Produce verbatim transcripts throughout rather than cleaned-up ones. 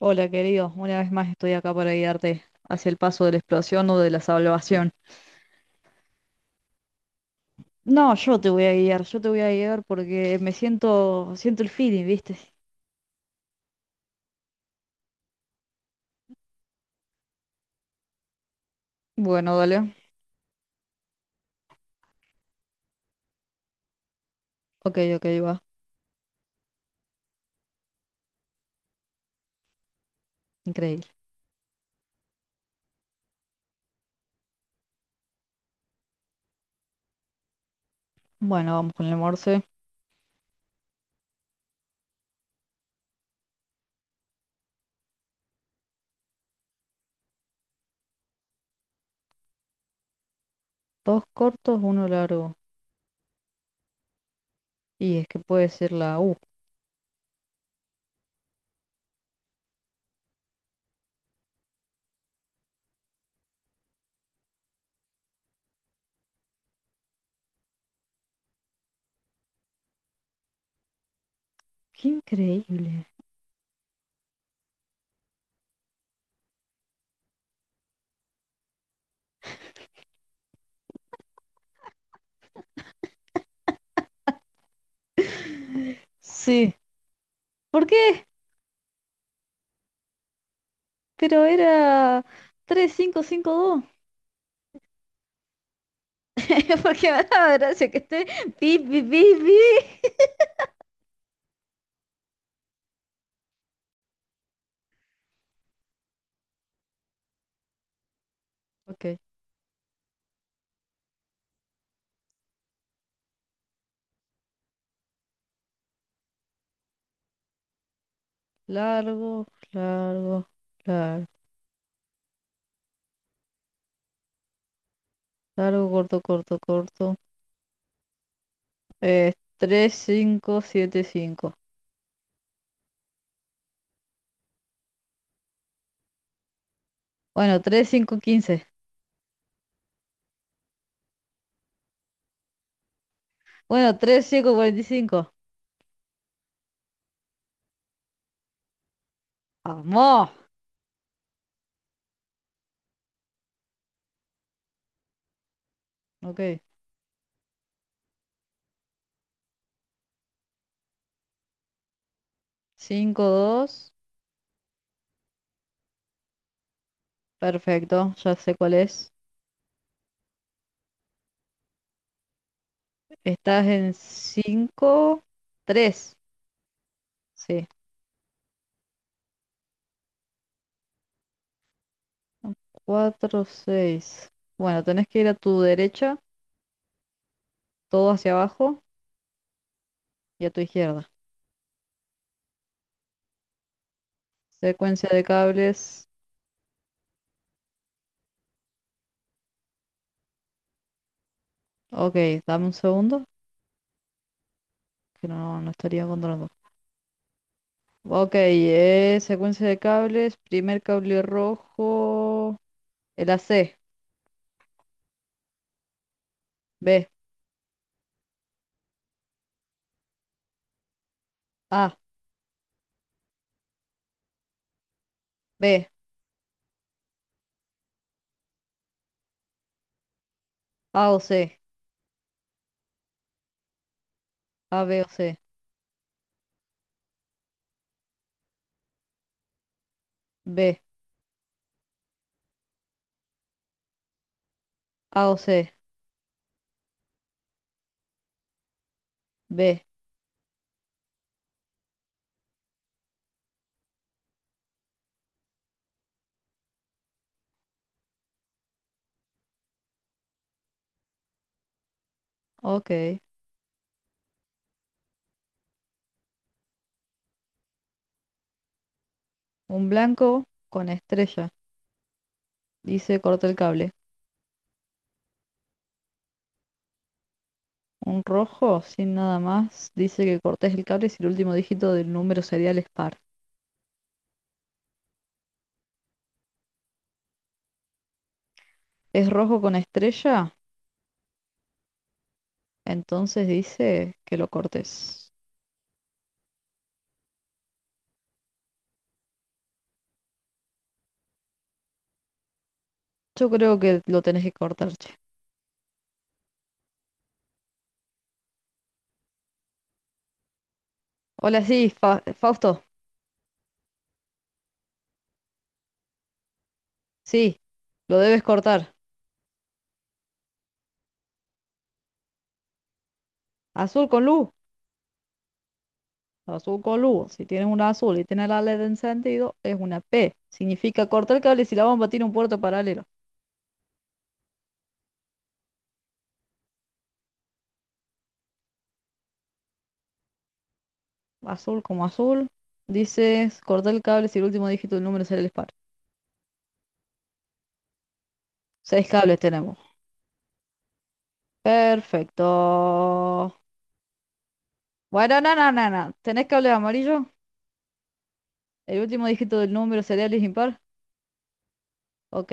Hola, querido. Una vez más estoy acá para guiarte hacia el paso de la explosión o de la salvación. No, yo te voy a guiar, yo te voy a guiar porque me siento, siento el feeling, ¿viste? Bueno, dale. Ok, ok, va. Increíble. Bueno, vamos con el morse. Dos cortos, uno largo. Y es que puede ser la U. ¡Qué increíble! Sí. ¿Por qué? Pero era tres cinco cinco dos. Porque me daba gracia que esté pi, pi, pi, pi. Ok. Largo, largo, largo. Largo, corto, corto, corto. Es tres, cinco, siete, cinco. Bueno, tres cinco quince. Bueno, tres cinco cuarenta y cinco. ¡Vamos! Ok. Cinco dos. Perfecto, ya sé cuál es. Estás en cinco tres. Sí. Cuatro seis. Bueno, tenés que ir a tu derecha, todo hacia abajo y a tu izquierda. Secuencia de cables. Ok, dame un segundo, que no, no estaría controlando. Ok, eh, secuencia de cables, primer cable rojo, el A C, B, A, B, A o C, A, B o C, B, A o C, B, ok. Un blanco con estrella, dice corta el cable. Un rojo, sin nada más, dice que cortes el cable si el último dígito del número serial es par. ¿Es rojo con estrella? Entonces dice que lo cortes. Yo creo que lo tenés que cortar, che. Hola, sí, Fa- Fausto. Sí, lo debes cortar. Azul con luz, azul con luz. Si tienes una azul y tienes la LED encendido, es una P. Significa cortar el cable si la bomba tiene un puerto paralelo. Azul como azul. Dices cortar el cable si el último dígito del número es el disparo. Seis cables tenemos. Perfecto. Bueno, no, no, no, no. ¿Tenés cable amarillo? ¿El último dígito del número serial es impar? Ok.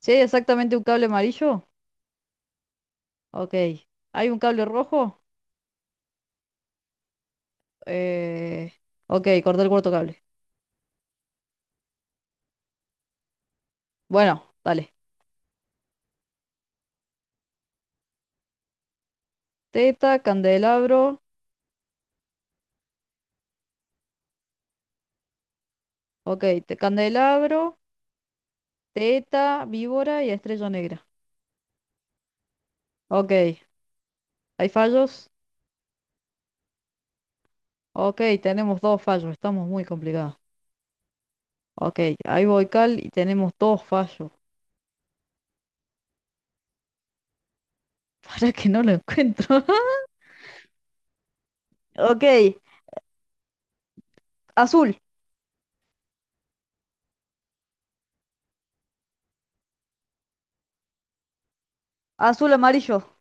¿Si hay exactamente un cable amarillo? Ok. ¿Hay un cable rojo? Eh... Ok, corté el cuarto cable. Bueno, dale. Teta, candelabro. Ok, te candelabro, teta, víbora y estrella negra. Ok, ¿hay fallos? Ok, tenemos dos fallos, estamos muy complicados. Ok, ahí voy Cal y tenemos dos fallos. Para que no lo encuentro. Ok, azul, azul, amarillo.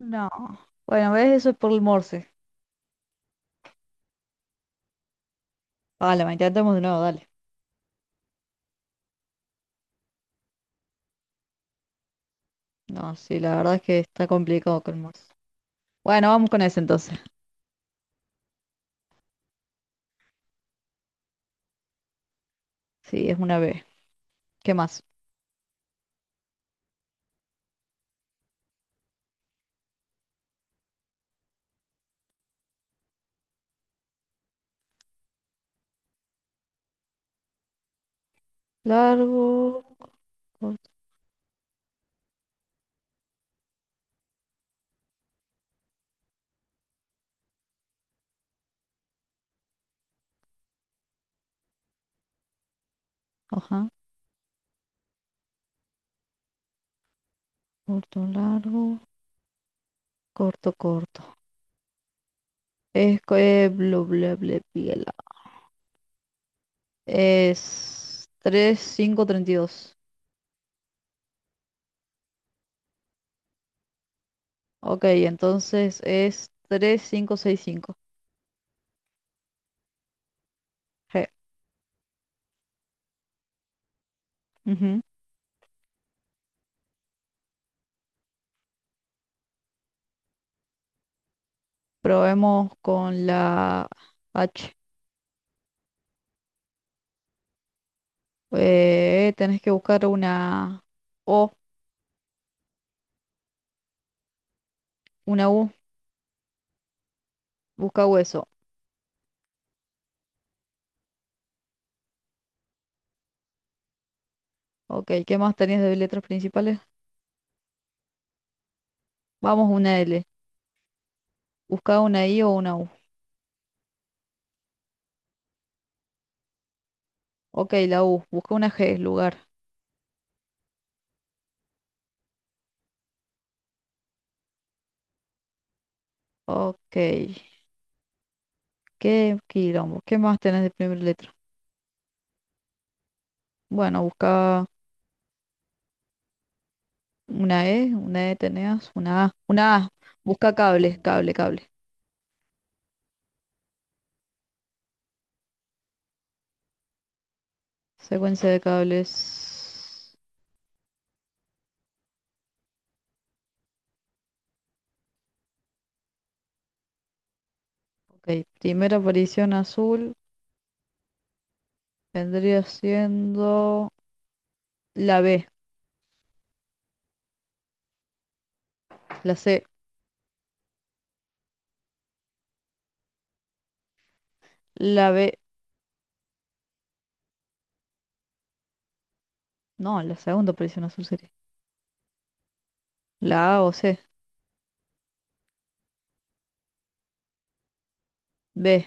No. Bueno, ¿ves? Eso es por el Morse. Vale, ma, intentemos de nuevo, dale. No, sí, la verdad es que está complicado con el Morse. Bueno, vamos con ese entonces. Sí, es una B. ¿Qué más? Largo. Ajá, corto, largo, corto, corto. Es que bla, bla, bla, bla. Es tres, cinco, treinta y dos. Ok, entonces es tres cinco seis, cinco. G. Ujú. Probemos con la H. Eh, tenés que buscar una O, una U. Busca hueso. Ok, ¿qué más tenías de letras principales? Vamos, una L. Busca una I o una U. Ok, la U. Busca una G, lugar. Ok. Qué quilombo. ¿Qué más tenés de primera letra? Bueno, busca una E, una E tenías, una A, una A. Busca cable, cable, cable. Secuencia de cables. Ok, primera aparición azul vendría siendo la B, la C, la B. No, la segunda aparición azul sería. La A o C, B,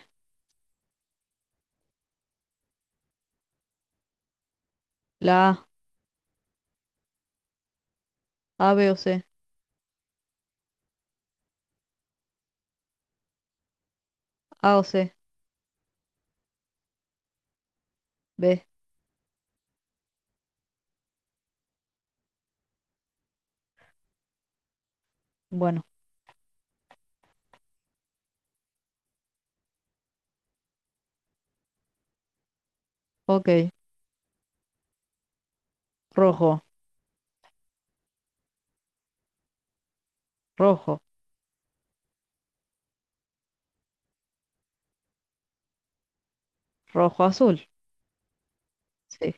la A, A, B o C, A o C, B. Bueno, ok. Rojo, rojo, rojo, azul. Sí.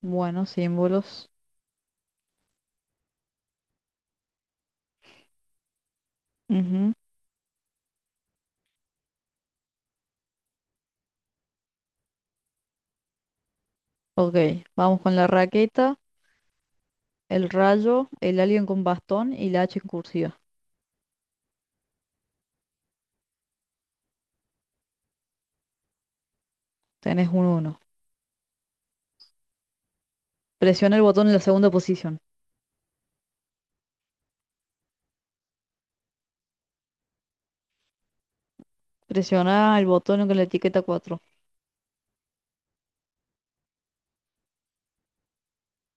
Bueno, símbolos. Ujú. Ok, vamos con la raqueta, el rayo, el alien con bastón y la H en cursiva. Tenés un uno. Presiona el botón en la segunda posición. Presiona el botón con la etiqueta cuatro.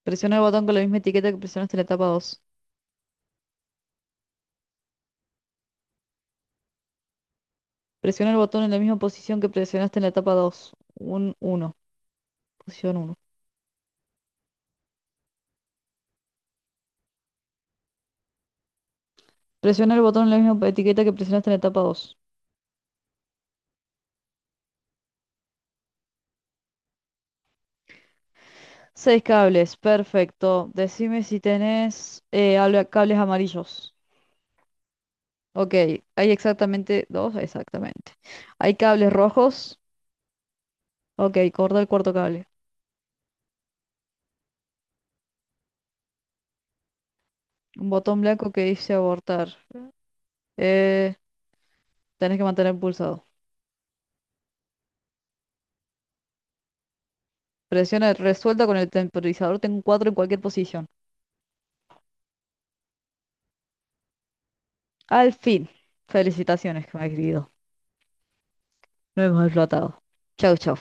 Presiona el botón con la misma etiqueta que presionaste en la etapa dos. Presiona el botón en la misma posición que presionaste en la etapa dos. Un uno. Posición uno. Presiona el botón en la misma etiqueta que presionaste en la etapa dos. Seis cables, perfecto. Decime si tenés eh, habla- cables amarillos. Ok, hay exactamente dos, exactamente. Hay cables rojos. Ok, corta el cuarto cable. Un botón blanco que dice abortar. Eh, tenés que mantener pulsado. Presiona resuelta con el temporizador. Tengo un cuatro en cualquier posición. Al fin. Felicitaciones, que me ha querido. Lo hemos explotado. Chau, chau.